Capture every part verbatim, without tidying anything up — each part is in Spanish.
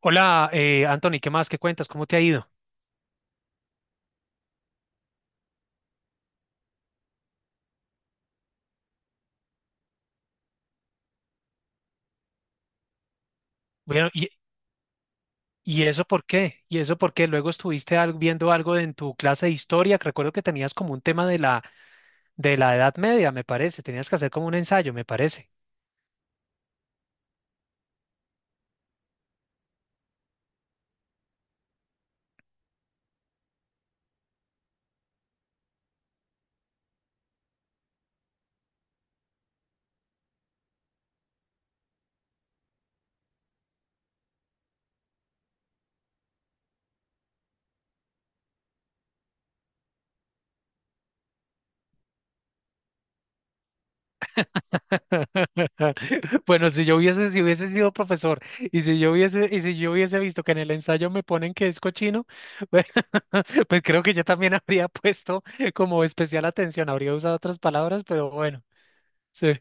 Hola, eh, Anthony, ¿qué más? ¿Qué cuentas? ¿Cómo te ha ido? Bueno, ¿y, y eso por qué? ¿Y eso por qué? Luego estuviste al- viendo algo de en tu clase de historia, que recuerdo que tenías como un tema de la, de la Edad Media, me parece. Tenías que hacer como un ensayo, me parece. Bueno, si yo hubiese, si hubiese sido profesor y si yo hubiese, y si yo hubiese visto que en el ensayo me ponen que es cochino, pues, pues creo que yo también habría puesto como especial atención, habría usado otras palabras, pero bueno, sí.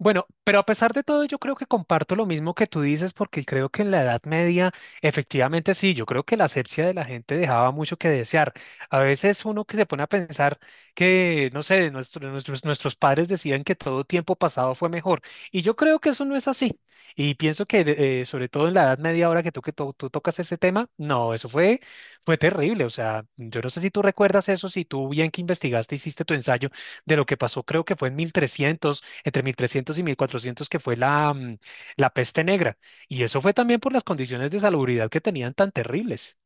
Bueno, pero a pesar de todo, yo creo que comparto lo mismo que tú dices, porque creo que en la Edad Media, efectivamente sí, yo creo que la asepsia de la gente dejaba mucho que desear. A veces uno que se pone a pensar que, no sé, nuestro- nuestros, nuestros padres decían que todo tiempo pasado fue mejor, y yo creo que eso no es así. Y pienso que, eh, sobre todo en la Edad Media, ahora que tú, que to- tú tocas ese tema, no, eso fue, fue terrible. O sea, yo no sé si tú recuerdas eso, si tú bien que investigaste, hiciste tu ensayo de lo que pasó, creo que fue en mil trescientos entre mil trescientos y mil cuatrocientos, que fue la, mm, la peste negra. Y eso fue también por las condiciones de salubridad que tenían tan terribles.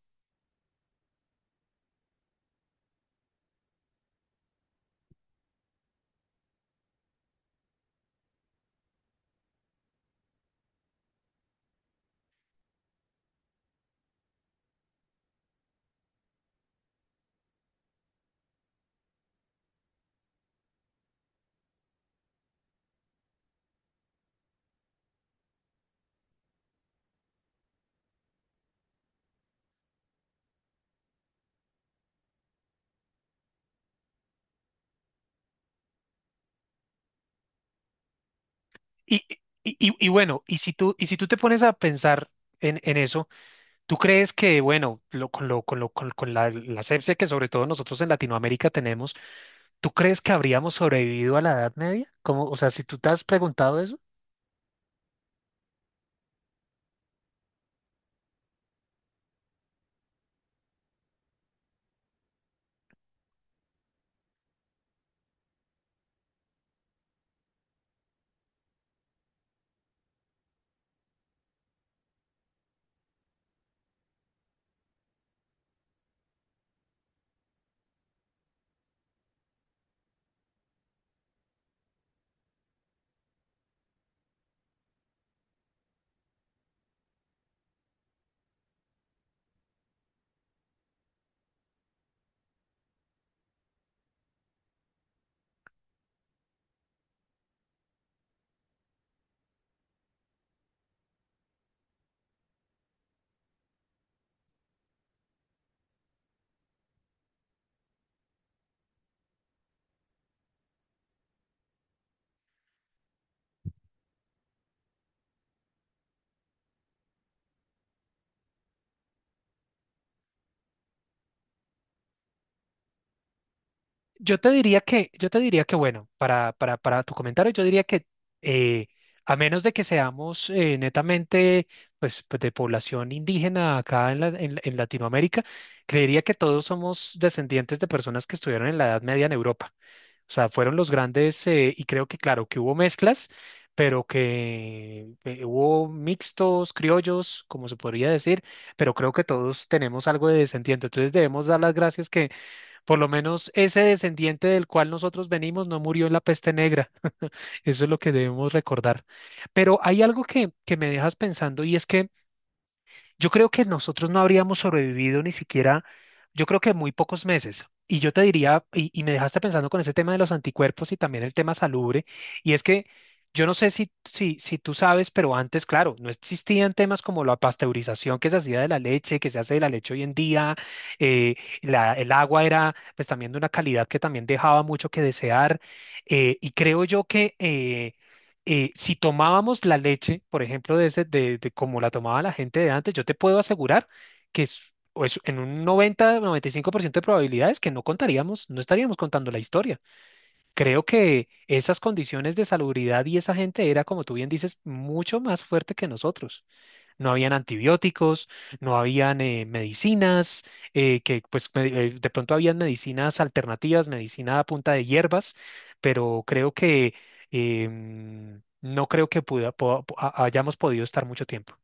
Y, y, y- y bueno, y si tú, y si tú te pones a pensar en, en eso, ¿tú crees que, bueno, lo- con, lo, con, lo, con, con la, la asepsia que sobre todo nosotros en Latinoamérica tenemos, tú crees que habríamos sobrevivido a la Edad Media? Como, o sea, si tú te has preguntado eso. Yo te diría que, yo te diría que bueno, para, para, para tu comentario, yo diría que eh, a menos de que seamos eh, netamente pues, pues, de población indígena acá en, la- en, en Latinoamérica, creería que todos somos descendientes de personas que estuvieron en la Edad Media en Europa. O sea, fueron los grandes, eh, y creo que claro, que hubo mezclas, pero que eh, hubo mixtos, criollos, como se podría decir, pero creo que todos tenemos algo de descendiente. Entonces debemos dar las gracias por lo menos ese descendiente del cual nosotros venimos no murió en la peste negra. Eso es lo que debemos recordar. Pero hay algo que, que me dejas pensando y es que yo creo que nosotros no habríamos sobrevivido ni siquiera, yo creo que muy pocos meses. Y yo te diría, y, y me dejaste pensando con ese tema de los anticuerpos y también el tema salubre, y es que yo no sé si, si, si tú sabes, pero antes, claro, no existían temas como la pasteurización que se hacía de la leche, que se hace de la leche hoy en día, eh, la- el agua era pues también de una calidad que también dejaba mucho que desear, eh, y creo yo que eh, eh, si tomábamos la leche, por ejemplo, de, ese, de, de como la tomaba la gente de antes, yo te puedo asegurar que es, o es en un noventa, noventa y cinco por ciento de probabilidades que no contaríamos, no estaríamos contando la historia. Creo que esas condiciones de salubridad y esa gente era, como tú bien dices, mucho más fuerte que nosotros. No habían antibióticos, no habían eh, medicinas, eh, que pues me- eh, de pronto habían medicinas alternativas, medicina a punta de hierbas, pero creo que em, no creo que puda- po- po- ha- hayamos podido estar mucho tiempo.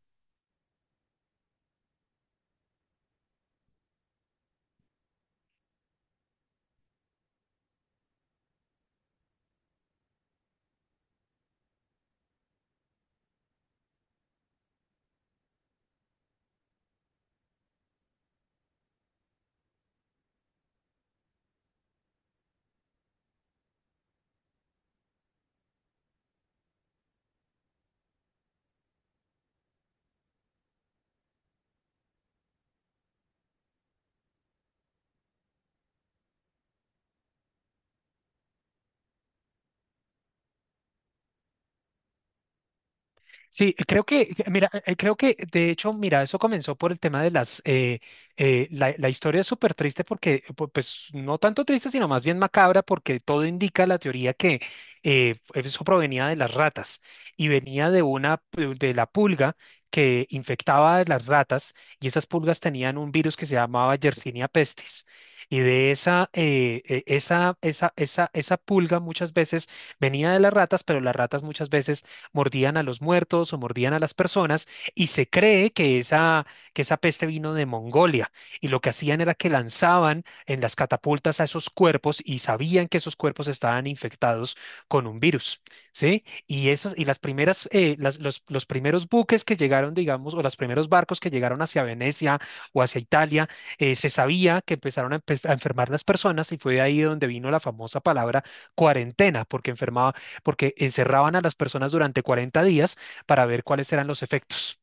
Sí, creo que, mira, eh, eh, creo que de hecho, mira, eso comenzó por el tema de las, eh, eh, la, la historia es súper triste porque, eh, pu- pues, no tanto triste, sino más bien macabra, porque todo indica la teoría que eh, eso provenía de las ratas y venía de una, pu- de la pulga que infectaba a las ratas, y esas pulgas tenían un virus que se llamaba Yersinia pestis. Y de esa, eh, eh, esa, esa, esa, esa pulga muchas veces venía de las ratas, pero las ratas muchas veces mordían a los muertos o mordían a las personas, y se cree que esa, que esa peste vino de Mongolia, y lo que hacían era que lanzaban en las catapultas a esos cuerpos, y sabían que esos cuerpos estaban infectados con un virus, ¿sí? Y, esas, y las primeras, eh, las- los, los primeros buques que llegaron, digamos, o los primeros barcos que llegaron hacia Venecia o hacia Italia, eh, se sabía que empezaron a, empe- a enfermar las personas, y fue de ahí donde vino la famosa palabra cuarentena, porque enfermaban, porque encerraban a las personas durante cuarenta días para ver cuáles eran los efectos.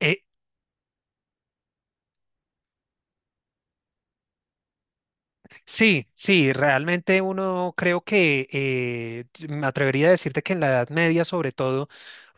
Eh, sí, sí, realmente uno creo que eh, me atrevería a decirte que en la Edad Media, sobre todo,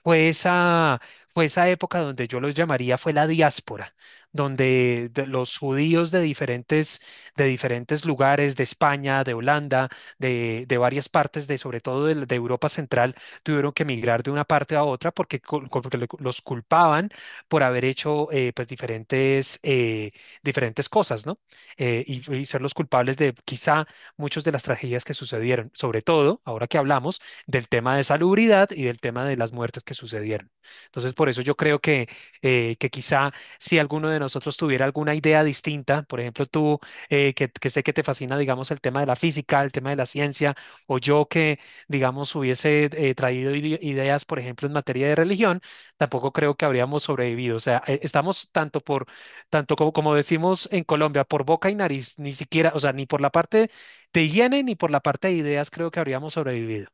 Fue esa, fue esa época donde yo los llamaría fue la diáspora, donde de- los judíos de diferentes, de diferentes lugares, de España, de Holanda, de, de varias partes, de, sobre todo de, de Europa Central, tuvieron que emigrar de una parte a otra, porque cul- cul- porque lo- los culpaban por haber hecho eh, pues diferentes, eh, diferentes cosas, ¿no? Eh, y, y ser los culpables de quizá muchas de las tragedias que sucedieron, sobre todo ahora que hablamos del tema de salubridad y del tema de las muertes que sucedieron. Entonces, por eso yo creo que, eh, que quizá si alguno de nosotros tuviera alguna idea distinta, por ejemplo tú, eh, que, que sé que te fascina, digamos, el tema de la física, el tema de la ciencia, o yo que, digamos, hubiese eh, traído ide- ideas, por ejemplo, en materia de religión, tampoco creo que habríamos sobrevivido. O sea, eh, estamos tanto por, tanto como, como decimos en Colombia, por boca y nariz, ni siquiera, o sea, ni por la parte de higiene ni por la parte de ideas creo que habríamos sobrevivido.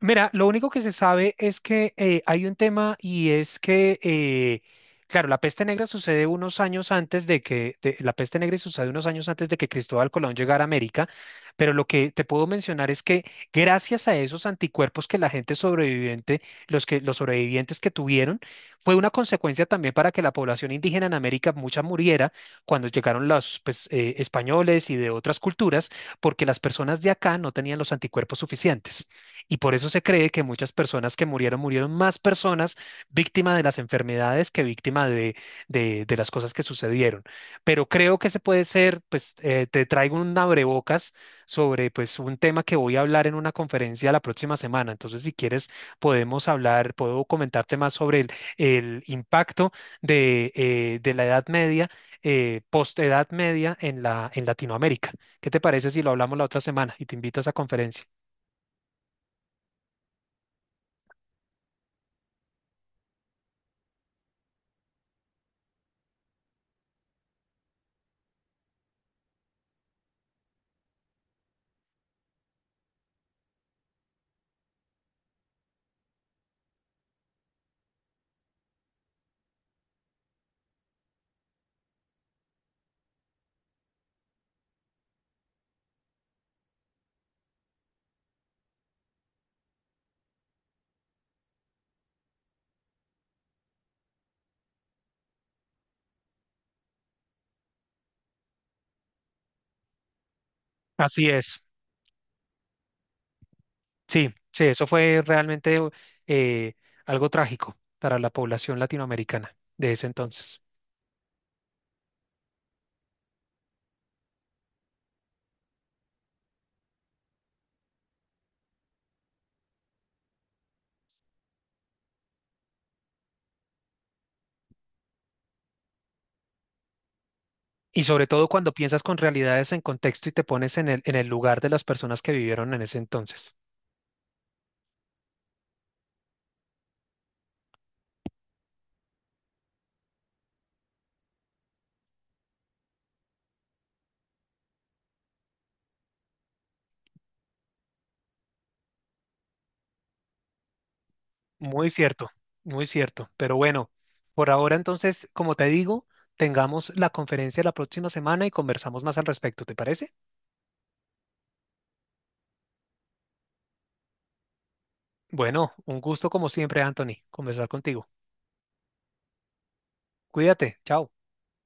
Mira, lo único que se sabe es que eh, hay un tema y es que, eh, claro, la peste negra sucede unos años antes de que, de- la peste negra sucede unos años antes de que Cristóbal Colón llegara a América, pero lo que te puedo mencionar es que gracias a esos anticuerpos que la gente sobreviviente, los que, los sobrevivientes que tuvieron, fue una consecuencia también para que la población indígena en América mucha muriera cuando llegaron los pues, eh, españoles y de otras culturas, porque las personas de acá no tenían los anticuerpos suficientes. Y por eso se cree que muchas personas que murieron, murieron más personas víctimas de las enfermedades que víctimas de, de- de las cosas que sucedieron. Pero creo que se puede ser, pues eh, te traigo un abrebocas sobre pues un tema que voy a hablar en una conferencia la próxima semana. Entonces, si quieres, podemos hablar, puedo comentarte más sobre el, el impacto de, eh, de la Edad Media, eh, post-Edad Media en la, en Latinoamérica. ¿Qué te parece si lo hablamos la otra semana? Y te invito a esa conferencia. Así es. Sí, sí, eso fue realmente eh, algo trágico para la población latinoamericana de ese entonces. Y sobre todo cuando piensas con realidades en contexto y te pones en el, en el lugar de las personas que vivieron en ese entonces. Muy cierto, muy cierto. Pero bueno, por ahora entonces, como te digo, tengamos la conferencia la próxima semana y conversamos más al respecto, ¿te parece? Bueno, un gusto como siempre, Anthony, conversar contigo. Cuídate, chao.